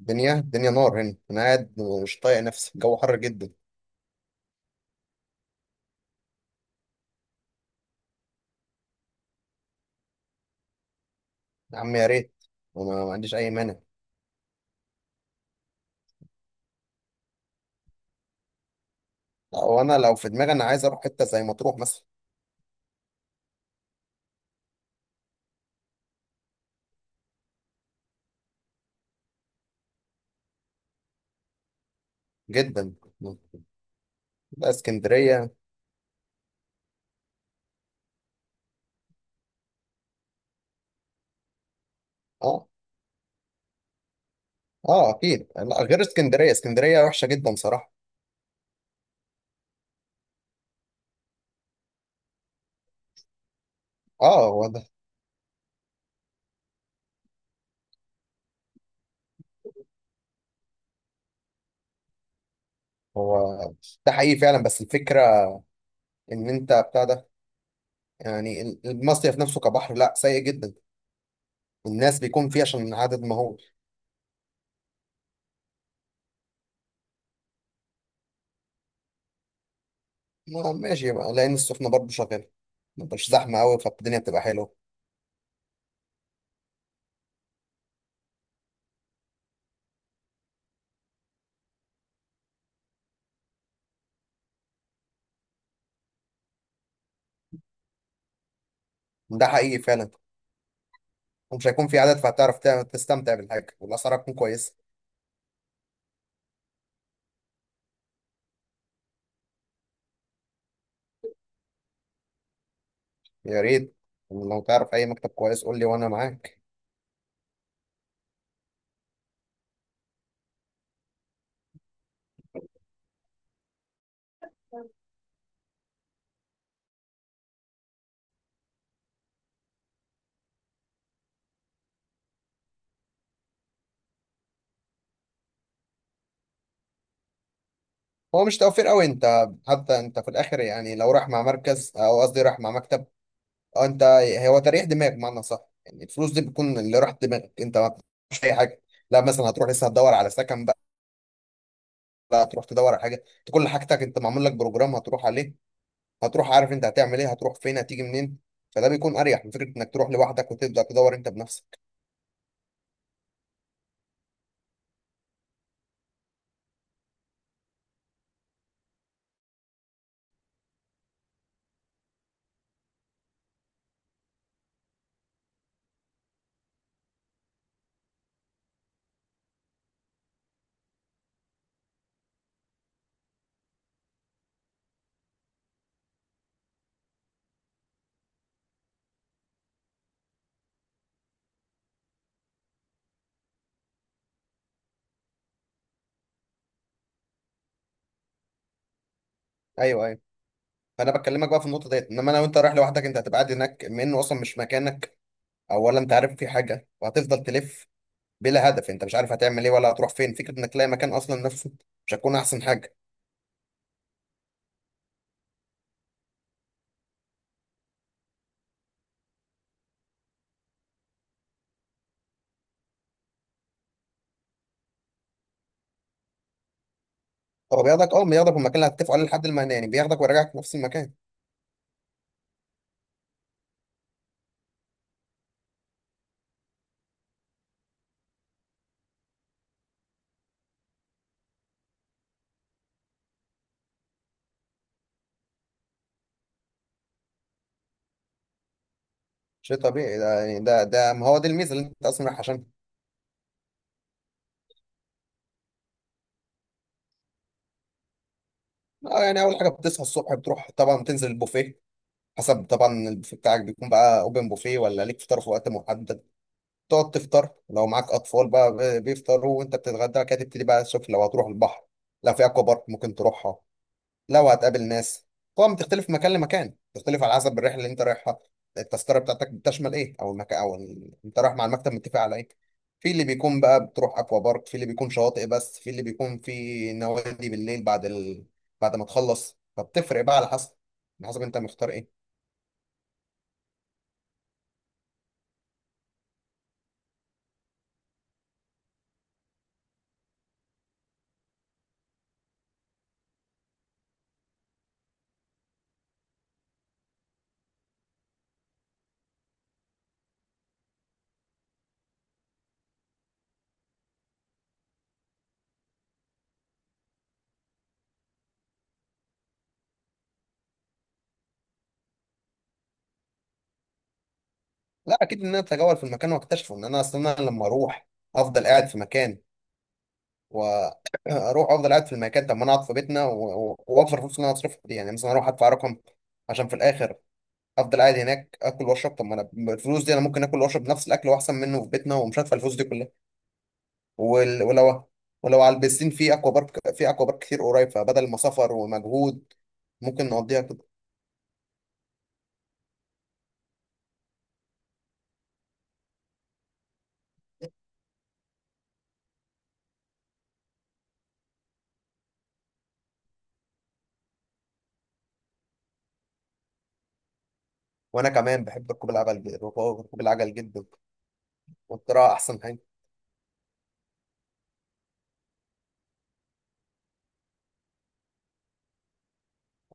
الدنيا نار هنا، انا قاعد. مش طايق نفسي، الجو حر جدا. يا عم يا ريت، وما ما عنديش اي مانع. لو في دماغي انا عايز اروح حته زي مطروح مثلا. جدا. لا، اسكندريه. اه. اه اكيد، لا غير اسكندريه. اسكندريه وحشه جدا صراحه. اه هو ده. هو. ده حقيقي فعلا، بس الفكره ان انت بتاع ده، يعني المصيف نفسه كبحر لا، سيء جدا. الناس بيكون فيه عشان عدد مهول. ماشي بقى، لان السخنه برضه شغاله، مش زحمه قوي، فالدنيا بتبقى حلوه. ده حقيقي فعلا. ومش هيكون في عدد، فهتعرف تستمتع بالحاجة، والأسعار هتكون كويسة. يا ريت، لو تعرف أي مكتب كويس قول لي وأنا معاك. هو مش توفير قوي أنت. حتى أنت في الآخر يعني، لو راح مع مركز أو قصدي راح مع مكتب أو أنت، هو تريح دماغ بمعنى صح. يعني الفلوس دي بتكون اللي راح دماغك أنت، ما مش أي حاجة. لا مثلا هتروح لسه هتدور على سكن بقى؟ لا، هتروح تدور على حاجة؟ أنت كل حاجتك أنت معمول لك بروجرام هتروح عليه. هتروح عارف أنت هتعمل إيه، هتروح فين، هتيجي منين. فده بيكون أريح من فكرة إنك تروح لوحدك وتبدأ تدور أنت بنفسك. أيوه، أيوه. فانا بكلمك بقى في النقطه ديت، انما لو انت رايح لوحدك انت هتبقى قاعد هناك، بما انه اصلا مش مكانك، او ولا انت عارف في حاجه، وهتفضل تلف بلا هدف. انت مش عارف هتعمل ايه ولا هتروح فين، فكره انك تلاقي مكان اصلا نفسه مش هتكون احسن حاجه. هو بياخدك المكان اللي هتتفقوا عليه لحد المكان، يعني بياخدك ويرجعك في نفس المكان. شيء طبيعي ده، يعني ده ما هو دي الميزه اللي انت اصلا رايح عشان. اه يعني، اول حاجه بتصحى الصبح بتروح طبعا تنزل البوفيه. حسب طبعا، البوفيه بتاعك بيكون بقى اوبن بوفيه ولا ليك فطار في وقت محدد. تقعد تفطر، لو معاك اطفال بقى بيفطروا، وانت بتتغدى كده، تبتدي بقى تشوف لو هتروح البحر. لو في اكوا بارك ممكن تروحها. لو هتقابل ناس، طبعا بتختلف من مكان لمكان، بتختلف على حسب الرحله اللي انت رايحها. التذكره بتاعتك بتشمل ايه، او المكان، او انت رايح مع المكتب متفق على ايه. في اللي بيكون بقى بتروح اكوا بارك، في اللي بيكون شواطئ بس، في اللي بيكون في نوادي بالليل. بعد ما تخلص فبتفرق بقى على حسب انت مختار ايه. لا اكيد، ان انا اتجول في المكان واكتشفه. ان انا اصلا لما اروح افضل قاعد في مكان، واروح افضل قاعد في المكان، طب ما انا اقعد في بيتنا واوفر الفلوس اللي انا هصرفها دي، يعني مثلا اروح ادفع رقم عشان في الاخر افضل قاعد هناك اكل واشرب. طب ما انا الفلوس دي انا ممكن اكل واشرب نفس الاكل واحسن منه في بيتنا، ومش هدفع الفلوس دي كلها. ولو، ولو على البسين، في اكوا بارك، كتير قريب، فبدل ما سفر ومجهود ممكن نقضيها كده. وانا كمان بحب ركوب العجل، ركوب العجل جدا. والقراءه احسن حاجه.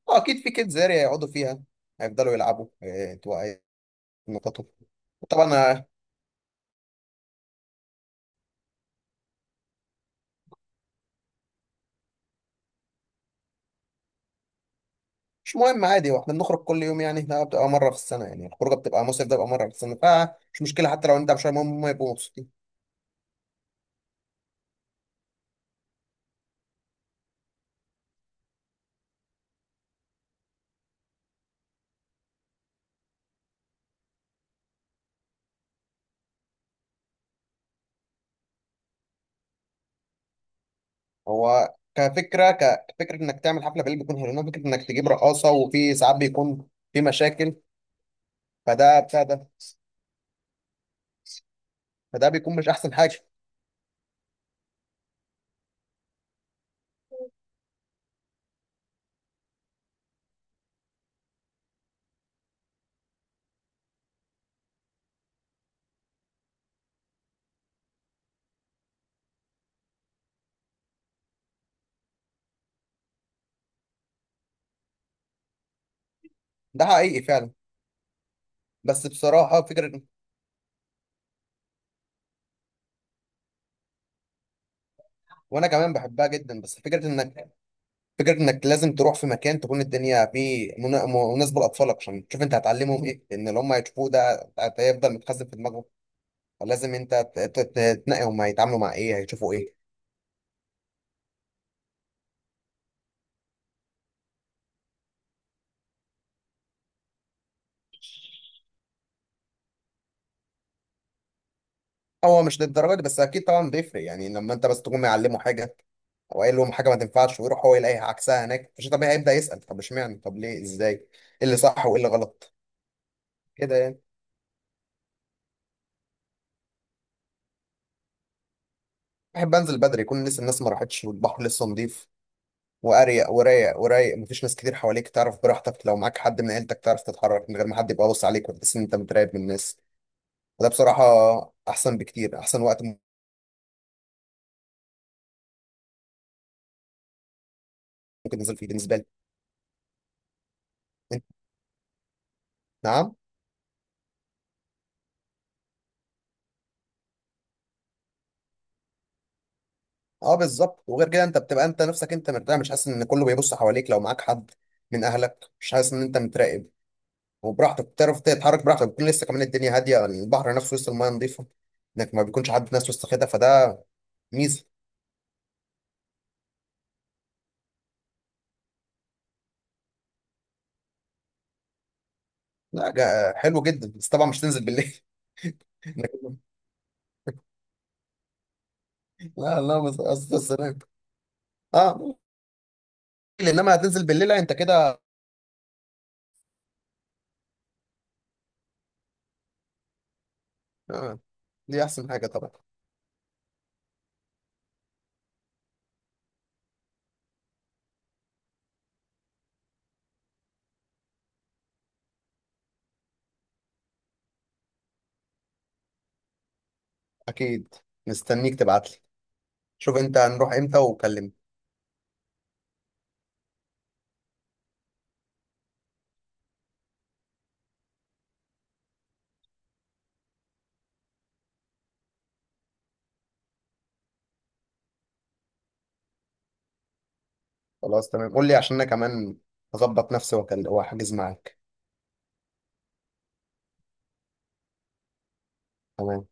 آه، اكيد في كيدز اريا يقعدوا فيها، هيفضلوا يلعبوا إيه، يتنططوا. طبعا. مش مهم، عادي، واحنا بنخرج كل يوم يعني، ده بتبقى مره في السنه، يعني الخروجه بتبقى مصيف، ده بيبقى مره في السنه، فمش مشكله، حتى لو انت مش، المهم هم يبقوا مبسوطين. هو كفكره، كفكره انك تعمل حفله بالليل بيكون حلو، انما فكره انك تجيب رقاصه وفي ساعات بيكون في مشاكل، فده بتاع ده. فده بيكون مش احسن حاجه. ده حقيقي فعلا. بس بصراحه، فكره، وانا كمان بحبها جدا، بس فكره انك، فكره انك لازم تروح في مكان تكون الدنيا فيه مناسبه لاطفالك، عشان تشوف انت هتعلمهم ايه، لان اللي هم هيشوفوه ده هيفضل متخزن في دماغهم. لازم انت تنقي هم هيتعاملوا مع ايه، هيشوفوا ايه. هو مش للدرجه دي، بس اكيد طبعا بيفرق يعني، لما انت بس تكون معلمه حاجه او قايل لهم حاجه ما تنفعش، ويروح هو يلاقي عكسها هناك، مش طبيعي هيبدا يسال، طب اشمعنى، طب ليه، ازاي، ايه اللي صح وايه اللي غلط. كده يعني، بحب انزل بدري يكون لسه الناس ما راحتش، والبحر لسه نضيف واريق ورايق ورايق، مفيش ناس كتير حواليك، تعرف براحتك لو معاك حد من عيلتك تعرف تتحرك من غير ما حد يبقى باص عليك، وتحس ان انت متراقب من الناس. وده بصراحه احسن بكتير، احسن وقت ممكن تنزل فيه بالنسبه لي. نعم. اه بالظبط. وغير كده انت بتبقى انت نفسك انت مرتاح، مش حاسس ان كله بيبص حواليك، لو معاك حد من اهلك مش حاسس ان انت متراقب. وبراحتك بتعرف تتحرك براحتك، بتكون لسه كمان الدنيا هاديه، البحر نفسه وسط المايه نظيفه، انك ما بيكونش حد ناس وسط كده، فده ميزه. لا، حلو جدا، بس طبعا مش تنزل بالليل إنك- لا لا، بس قصدي السلام. اه ممكن، انما هتنزل بالليل، لا انت كده. آه. دي احسن حاجه طبعا. اكيد، مستنيك تبعت لي. شوف انت هنروح امتى وكلمني. خلاص تمام، قول لي عشان انا كمان اظبط نفسي، واحجز معاك. تمام.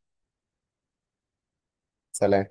سلام.